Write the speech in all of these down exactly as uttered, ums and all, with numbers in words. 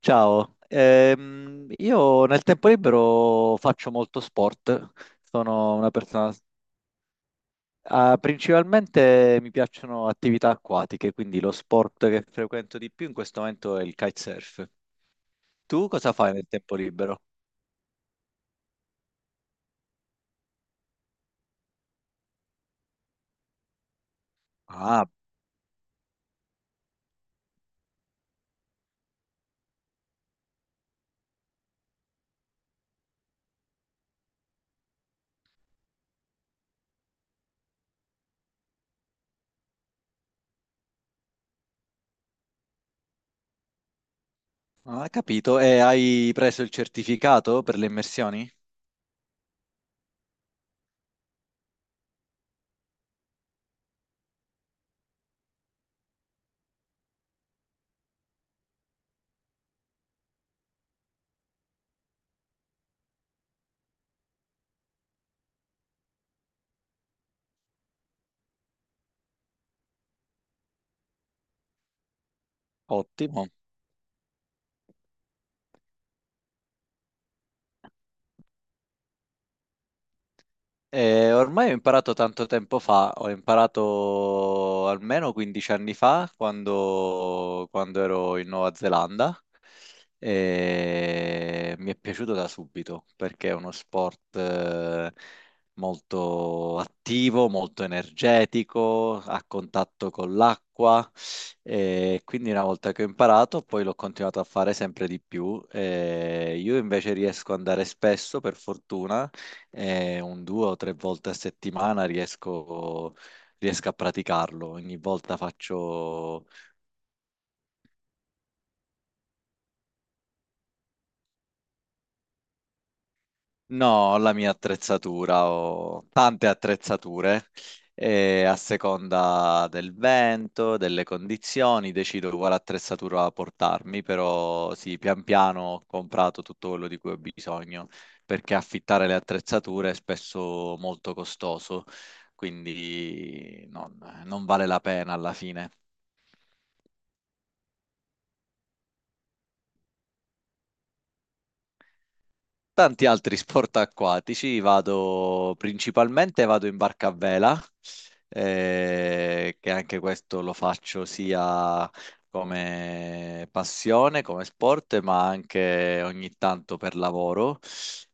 Ciao, Ehm, io nel tempo libero faccio molto sport, sono una persona, ah, principalmente mi piacciono attività acquatiche, quindi lo sport che frequento di più in questo momento è il kitesurf. Tu cosa fai nel tempo libero? Ah, ah, capito, e hai preso il certificato per le immersioni? Ottimo. Eh, ormai ho imparato tanto tempo fa, ho imparato almeno quindici anni fa quando, quando ero in Nuova Zelanda e mi è piaciuto da subito perché è uno sport eh, molto attivo, molto energetico, a contatto con l'acqua e quindi una volta che ho imparato poi l'ho continuato a fare sempre di più. Eh, io invece riesco ad andare spesso per fortuna e un due o tre volte a settimana riesco, riesco a praticarlo. Ogni volta faccio, no, ho la mia attrezzatura, ho tante attrezzature e a seconda del vento, delle condizioni, decido quale attrezzatura portarmi, però sì, pian piano ho comprato tutto quello di cui ho bisogno, perché affittare le attrezzature è spesso molto costoso. Quindi non non vale la pena alla fine. Tanti altri sport acquatici, vado principalmente vado in barca a vela, eh, che anche questo lo faccio sia come passione, come sport, ma anche ogni tanto per lavoro.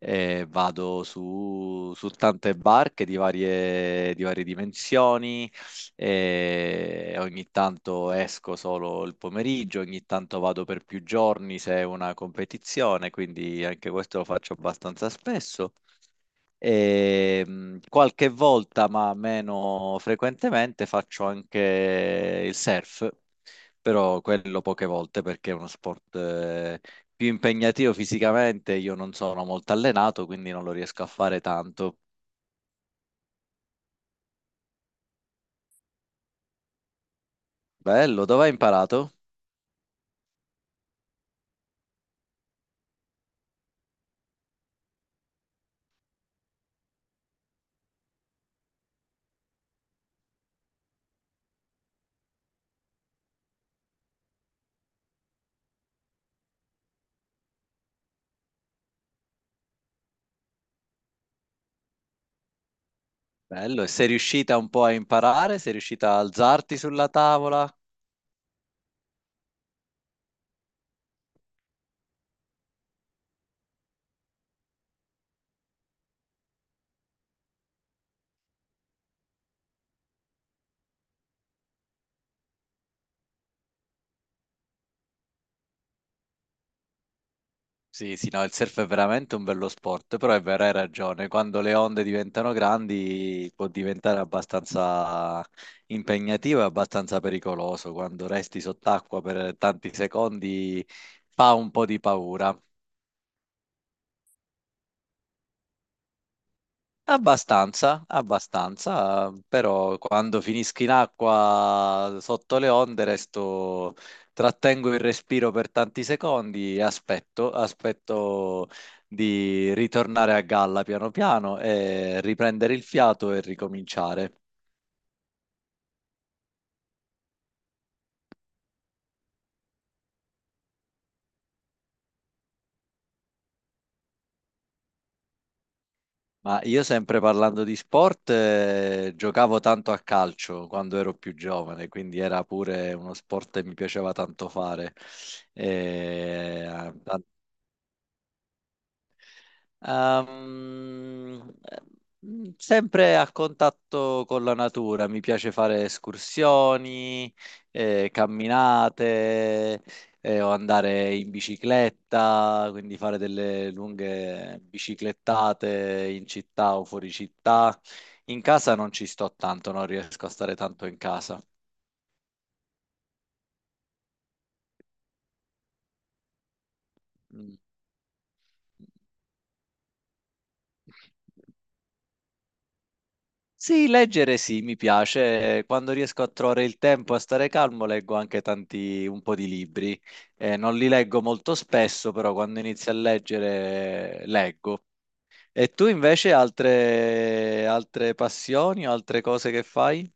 Eh, vado su, su tante barche di varie, di varie dimensioni e ogni tanto esco solo il pomeriggio, ogni tanto vado per più giorni se è una competizione, quindi anche questo lo faccio abbastanza spesso. E, mh, qualche volta, ma meno frequentemente, faccio anche il surf, però quello poche volte perché è uno sport eh, più impegnativo fisicamente. Io non sono molto allenato, quindi non lo riesco a fare tanto. Bello, dove hai imparato? Bello, e sei riuscita un po' a imparare? Sei riuscita a alzarti sulla tavola? Sì, sì, no, il surf è veramente un bello sport, però è vero, hai ragione, quando le onde diventano grandi può diventare abbastanza impegnativo e abbastanza pericoloso, quando resti sott'acqua per tanti secondi fa un po' di paura. Abbastanza, abbastanza, però quando finisco in acqua sotto le onde resto, trattengo il respiro per tanti secondi e aspetto, aspetto di ritornare a galla piano piano e riprendere il fiato e ricominciare. Ma io sempre parlando di sport, eh, giocavo tanto a calcio quando ero più giovane, quindi era pure uno sport che mi piaceva tanto fare. E, eh, Ehm, eh, sempre a contatto con la natura, mi piace fare escursioni, eh, camminate, eh, o andare in bicicletta, quindi fare delle lunghe biciclettate in città o fuori città. In casa non ci sto tanto, non riesco a stare tanto in casa. Mm. Sì, leggere sì, mi piace. Quando riesco a trovare il tempo a stare calmo, leggo anche tanti, un po' di libri. Eh, non li leggo molto spesso, però quando inizio a leggere, eh, leggo. E tu invece altre, altre passioni o altre cose che fai?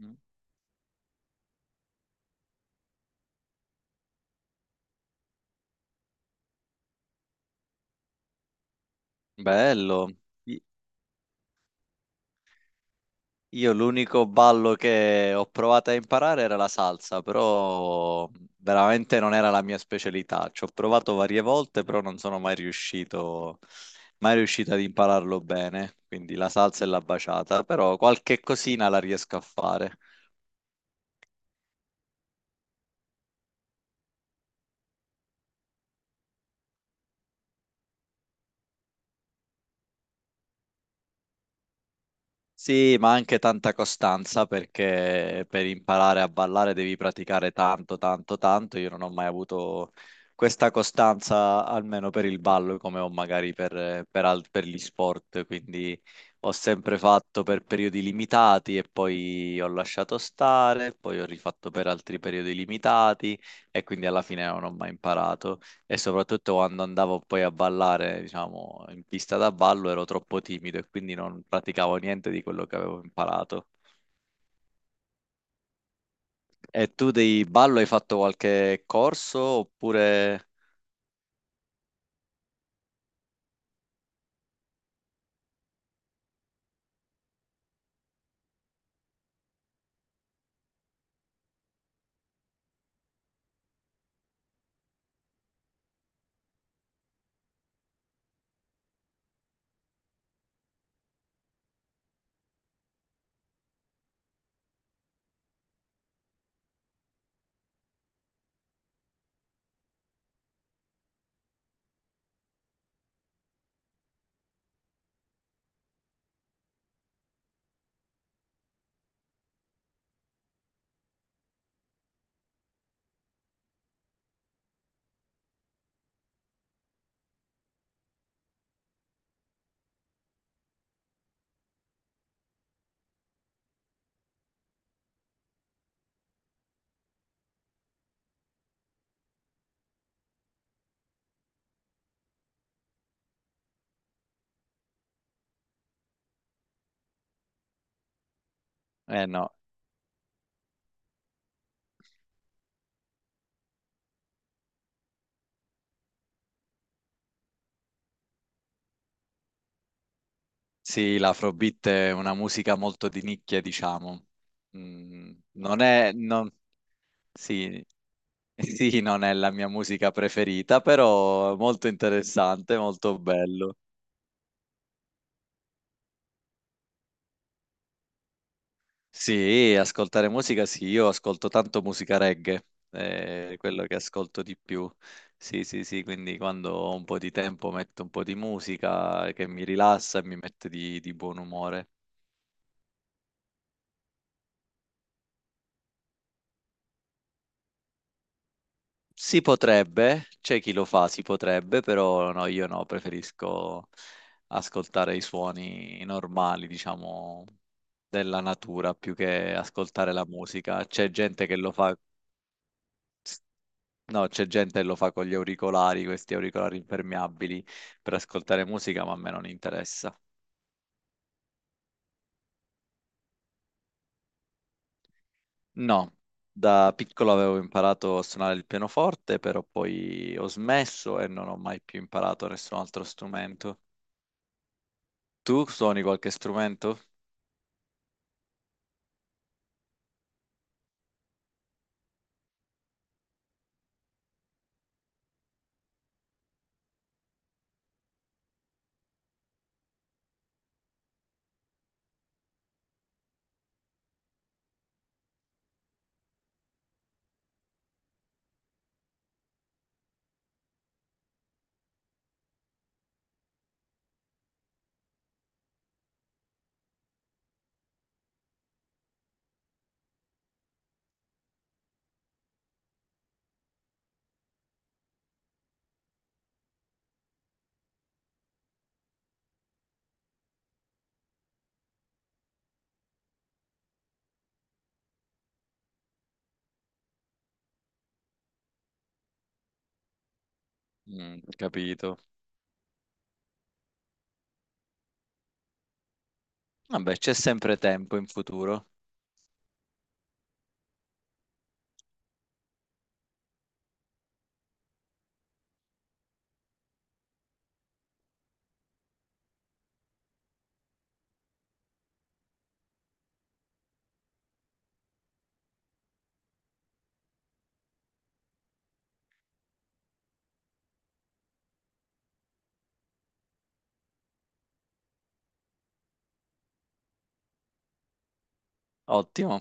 Mm. Bello. Io l'unico ballo che ho provato a imparare era la salsa, però veramente non era la mia specialità. Ci ho provato varie volte, però non sono mai riuscito, mai riuscito ad impararlo bene. Quindi la salsa e la baciata, però qualche cosina la riesco a fare. Sì, ma anche tanta costanza perché per imparare a ballare devi praticare tanto, tanto, tanto. Io non ho mai avuto questa costanza, almeno per il ballo, come ho magari per, per al- per gli sport. Quindi ho sempre fatto per periodi limitati e poi ho lasciato stare, poi ho rifatto per altri periodi limitati e quindi alla fine non ho mai imparato. E soprattutto quando andavo poi a ballare, diciamo, in pista da ballo ero troppo timido e quindi non praticavo niente di quello che avevo imparato. E tu di ballo hai fatto qualche corso oppure... Eh no, sì, l'afrobeat è una musica molto di nicchia, diciamo. Mm, non è... non- Sì, sì, non è la mia musica preferita, però è molto interessante, molto bello. Sì, ascoltare musica sì, io ascolto tanto musica reggae, è quello che ascolto di più. Sì, sì, sì, quindi quando ho un po' di tempo metto un po' di musica che mi rilassa e mi mette di, di buon umore. Si potrebbe, c'è chi lo fa, si potrebbe, però no, io no, preferisco ascoltare i suoni normali, diciamo, della natura più che ascoltare la musica. C'è gente che lo fa. No, c'è gente che lo fa con gli auricolari, questi auricolari impermeabili per ascoltare musica, ma a me non interessa. No, da piccolo avevo imparato a suonare il pianoforte, però poi ho smesso e non ho mai più imparato nessun altro strumento. Tu suoni qualche strumento? Mm, capito. Vabbè, c'è sempre tempo in futuro. Ottimo.